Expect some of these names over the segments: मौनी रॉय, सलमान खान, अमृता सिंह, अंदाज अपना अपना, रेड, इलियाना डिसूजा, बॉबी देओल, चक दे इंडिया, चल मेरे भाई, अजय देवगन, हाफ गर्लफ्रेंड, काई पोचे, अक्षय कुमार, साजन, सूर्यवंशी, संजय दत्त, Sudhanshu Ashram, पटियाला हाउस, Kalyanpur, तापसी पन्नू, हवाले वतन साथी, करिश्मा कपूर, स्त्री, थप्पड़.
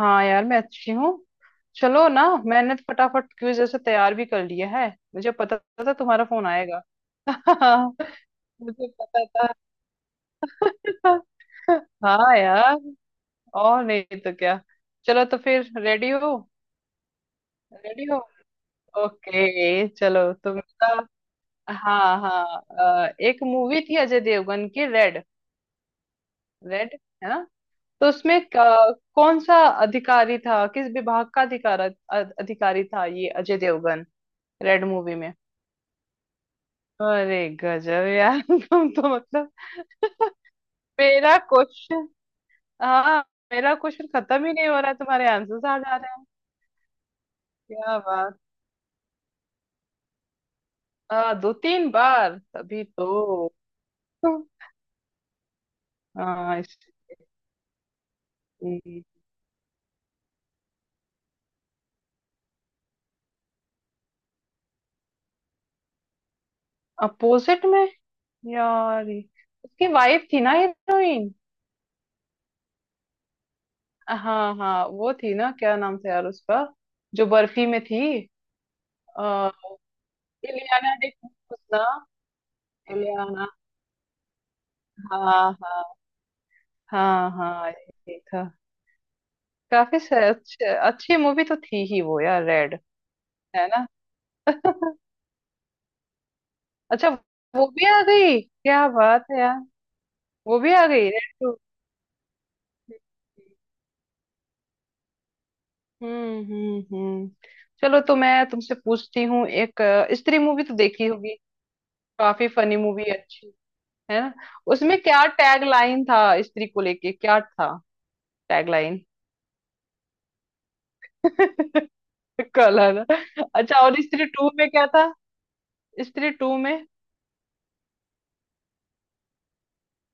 हाँ यार मैं अच्छी हूँ। चलो ना, मैंने तो फटाफट क्विज जैसे तैयार भी कर लिया है। मुझे पता था तुम्हारा फोन आएगा। मुझे पता था। हाँ यार, और नहीं तो क्या। चलो, तो फिर रेडी हो? रेडी हो? ओके, चलो तुम। हाँ हाँ। एक मूवी थी अजय देवगन की, रेड। रेड, है ना? तो उसमें कौन सा अधिकारी था, किस विभाग का अधिकारी था ये अजय देवगन, रेड मूवी में? अरे गजब यार। तुम तो मतलब मेरा क्वेश्चन, हाँ, मेरा क्वेश्चन खत्म ही नहीं हो रहा है, तुम्हारे आंसर्स आ जा रहे हैं। क्या बात। हाँ, दो तीन बार तभी तो। हाँ इस, अपोजिट में? यार ये- उसकी वाइफ थी ना हीरोइन। हाँ हाँ, वो थी ना, क्या नाम था यार उसका, जो बर्फी में थी? आ, इलियाना डिसूजा। इलियाना, हाँ हाँ। हाँ हाँ, ये था। काफी अच्छी मूवी तो थी ही वो यार, रेड। है ना? अच्छा, वो भी आ गई, क्या बात है यार। वो भी आ गई, रेड टू। हम्म, हम्म, हम्म। चलो, तो मैं तुमसे पूछती हूँ, एक स्त्री मूवी तो देखी होगी। काफी फनी मूवी, अच्छी। है ना? उसमें क्या टैग लाइन था, स्त्री को लेके क्या था, टैग लाइन? कल, है ना? अच्छा, और स्त्री टू में क्या था? स्त्री टू में?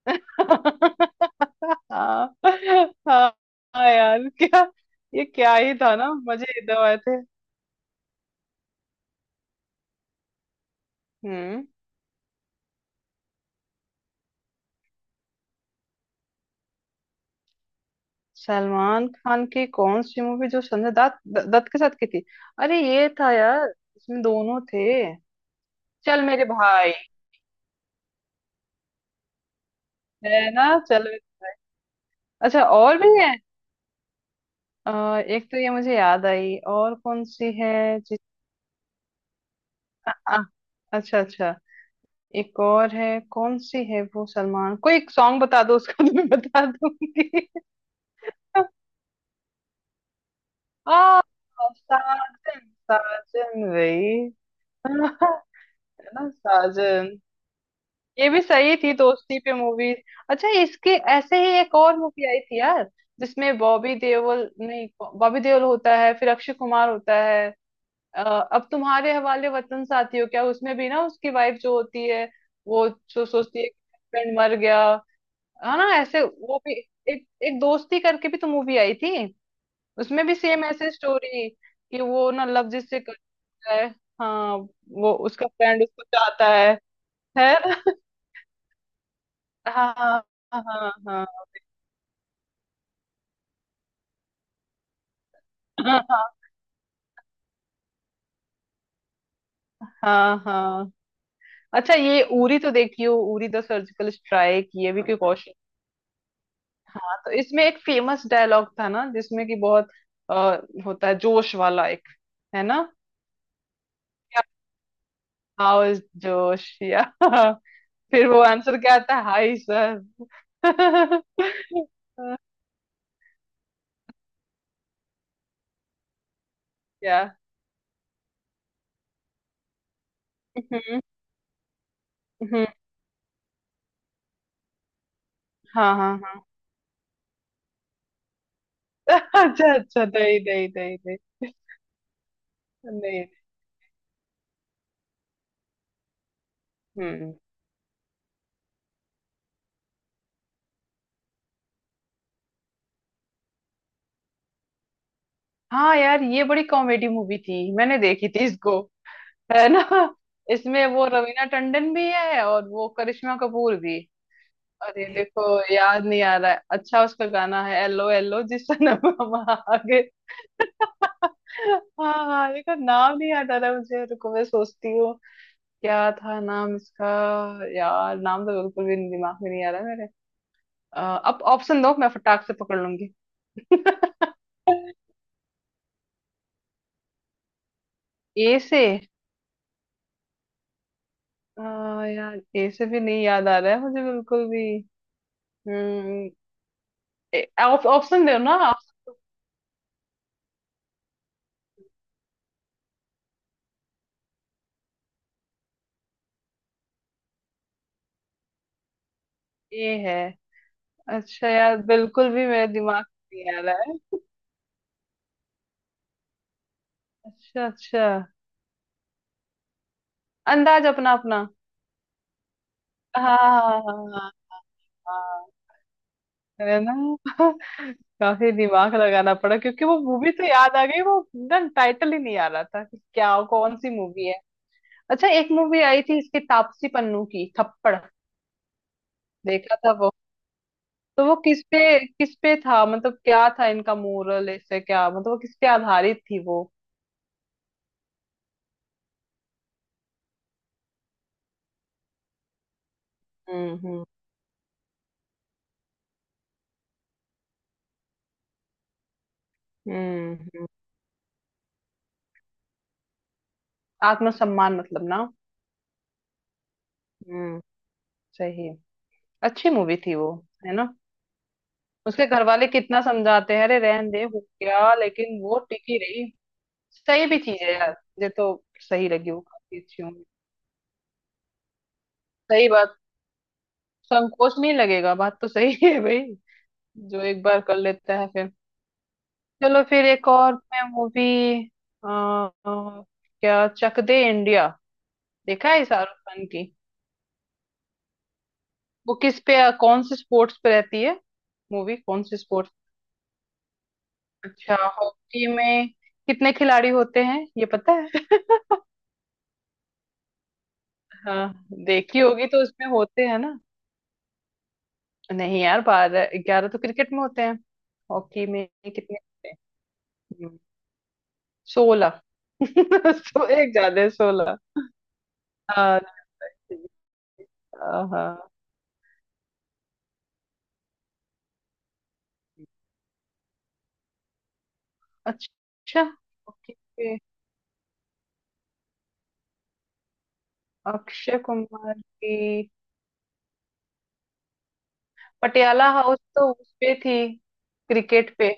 हाँ। हाँ, हाँ यार क्या, ये क्या ही था ना, मजे एकदम आए थे। हम्म। सलमान खान की कौन सी मूवी, जो संजय दत्त के साथ की थी? अरे ये था यार, इसमें दोनों थे। चल मेरे भाई, है ना। चल मेरे- अच्छा, और भी है? अ, एक तो ये मुझे याद आई, और कौन सी है जिस, आ, अच्छा अच्छा, एक और है? कौन सी है वो? सलमान कोई एक सॉन्ग बता दो, उसका तो मैं बता दूंगी। Aa, साजन, साजन वही। है ना, साजन। ये भी सही थी, दोस्ती पे मूवी। अच्छा, इसके ऐसे ही एक और मूवी आई थी यार, जिसमें बॉबी देओल नहीं, बॉबी देओल होता है, फिर अक्षय कुमार होता है, अ, अब तुम्हारे हवाले वतन साथी हो क्या? उसमें भी ना, उसकी वाइफ जो होती है, वो जो सोचती है हस्बैंड मर गया, है ना, ऐसे वो भी एक एक दोस्ती करके भी तो मूवी आई थी। उसमें भी सेम ऐसे स्टोरी, कि वो ना लव जिससे है। हाँ। वो उसका फ्रेंड उसको चाहता है ना? हाँ हाँ। हाँ हाँ। हाँ हाँ हाँ। अच्छा, ये उरी तो देखी हो, उरी द सर्जिकल स्ट्राइक? ये भी कोई क्वेश्चन था। तो इसमें एक फेमस डायलॉग था ना, जिसमें कि बहुत अ, होता है, जोश वाला एक। है ना? हाउ इज जोश, या। फिर वो आंसर क्या आता है, हाई सर? क्या? हम्म। हम्म। हाँ हाँ हाँ। अच्छा अच्छा, नहीं नहीं नहीं नहीं। नहीं, हम्म। हाँ यार, ये बड़ी कॉमेडी मूवी थी, मैंने देखी थी इसको, है ना? इसमें वो रवीना टंडन भी है, और वो करिश्मा कपूर भी। अरे देखो, याद नहीं आ रहा है। अच्छा, उसका गाना है, एलो एलो जिस नाम हम आगे। हाँ हाँ, देखो, नाम नहीं याद आ रहा मुझे, रुको, मैं सोचती हूँ। क्या था नाम इसका? यार नाम तो बिल्कुल भी दिमाग में नहीं आ रहा है मेरे। अ, अब ऑप्शन दो, मैं फटाक से पकड़ लूंगी। ए से? यार ए से भी नहीं याद आ रहा है मुझे, बिल्कुल भी। हम्म। ऑप्शन दो ना, ऑप्शन। ये है? अच्छा यार, बिल्कुल भी मेरे दिमाग में नहीं आ रहा है। अच्छा अच्छा, अंदाज अपना अपना। हाँ हाँ हाँ हाँ। हाँ, हाँ, है ना। काफी दिमाग लगाना पड़ा, क्योंकि वो मूवी तो याद आ गई, वो ना टाइटल ही नहीं आ रहा था कि क्या, कौन सी मूवी है। अच्छा, एक मूवी आई थी इसकी तापसी पन्नू की, थप्पड़। देखा था वो। तो वो किस पे, किस पे था, मतलब क्या था इनका मोरल, ऐसे क्या मतलब, वो किस पे आधारित थी वो? हम्म। हम्म। आत्मसम्मान मतलब ना। हम्म। सही है। अच्छी मूवी थी वो, है ना। उसके घर वाले कितना समझाते हैं, अरे रहन दे, हो गया, लेकिन वो टिकी रही। सही भी चीज है यार, मुझे तो सही लगी वो, काफी अच्छी मूवी। सही बात। संकोच नहीं लगेगा, बात तो सही है भाई, जो एक बार कर लेता है फिर। चलो फिर, एक और मैं मूवी, क्या चक दे इंडिया देखा है शाहरुख खान की? वो किस पे, कौन से स्पोर्ट्स पे रहती है मूवी, कौन से स्पोर्ट्स? अच्छा, हॉकी में कितने खिलाड़ी होते हैं ये पता है? हाँ देखी होगी तो उसमें होते हैं ना। नहीं यार, 12, 11 तो क्रिकेट में होते हैं, हॉकी में कितने होते हैं? हम्म, 16। सो, एक ज्यादा है, 16। हाँ, ठीक है। हाँ। अच्छा, ओके। अक्षय कुमार की? पटियाला हाउस तो उस पे थी, क्रिकेट पे।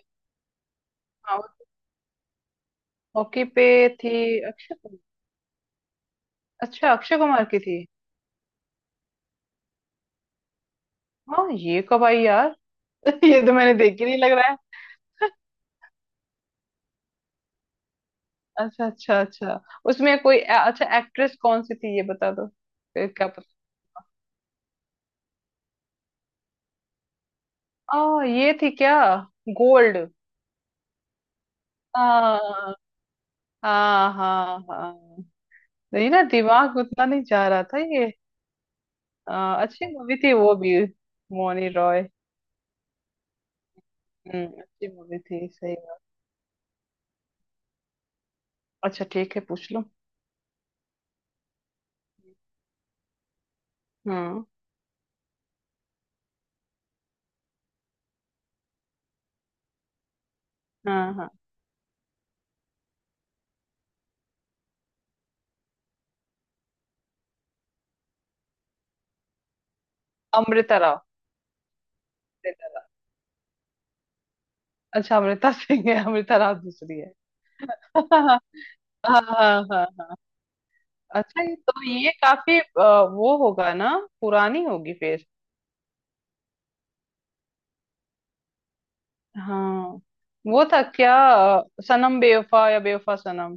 हाँ, हॉकी पे थी? अक्षय कुमार? अच्छा, अक्षय कुमार की थी। हाँ, ये कब आई यार? ये तो मैंने देखी नहीं लग रहा है। अच्छा अच्छा अच्छा, उसमें कोई अच्छा एक्ट्रेस कौन सी थी, ये बता दो? फिर क्या पता। ये थी क्या, गोल्ड? हाँ, हाँ हाँ। हाँ, नहीं ना, दिमाग उतना नहीं जा रहा था ये। अच्छी मूवी थी वो भी, मौनी रॉय। हम्म, अच्छी मूवी थी, सही बात। अच्छा, ठीक है, पूछ लो। हम्म। हाँ हाँ। अमृता राव। अच्छा, अमृता सिंह है, अमृता राव दूसरी है। हाँ हाँ हाँ। अच्छा, ये तो ये काफी वो होगा ना, पुरानी होगी फिर? हाँ, वो था क्या, सनम बेवफा या बेवफा सनम?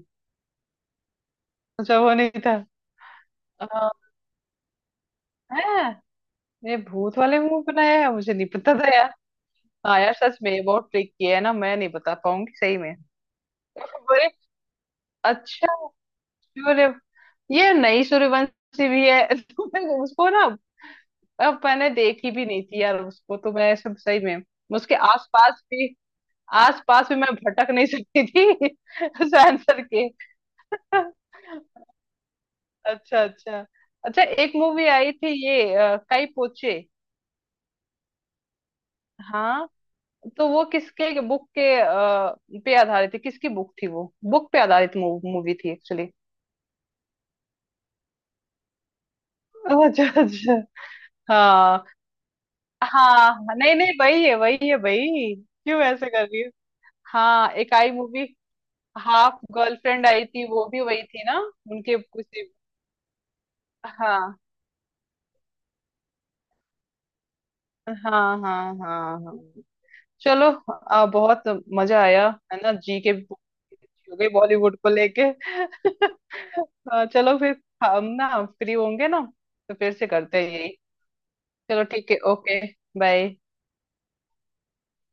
अच्छा, वो नहीं था। आ, है, ये भूत वाले मुंह बनाया है, मुझे नहीं पता था यार। हाँ यार सच में, ये बहुत ट्रिक किया है ना, मैं नहीं बता पाऊंगी सही में। बड़े, अच्छा, सूर्य, ये नई सूर्यवंशी भी है, तो मैं उसको ना, अब मैंने देखी भी नहीं थी यार उसको, तो मैं सब सही में उसके आसपास भी, आस पास में मैं भटक नहीं सकती थी। उस आंसर के। अच्छा अच्छा। अच्छा, एक मूवी आई थी, ये काई पोचे। हाँ। तो वो किसके बुक के पे आधारित थी, किसकी बुक थी, वो बुक पे आधारित मूवी थी एक्चुअली। अच्छा अच्छा। हाँ हाँ, नहीं नहीं, वही है वही है भाई, क्यों ऐसे कर रही हो? हाँ, एक आई मूवी, हाफ गर्लफ्रेंड आई थी, वो भी वही थी ना? उनके कुछ, हाँ हाँ हाँ हाँ। हाँ, चलो। बहुत मजा आया, है ना, जी के हो गई बॉलीवुड को लेके। चलो फिर, हम ना फ्री होंगे ना तो फिर से करते हैं यही। चलो ठीक है, ओके। बाय।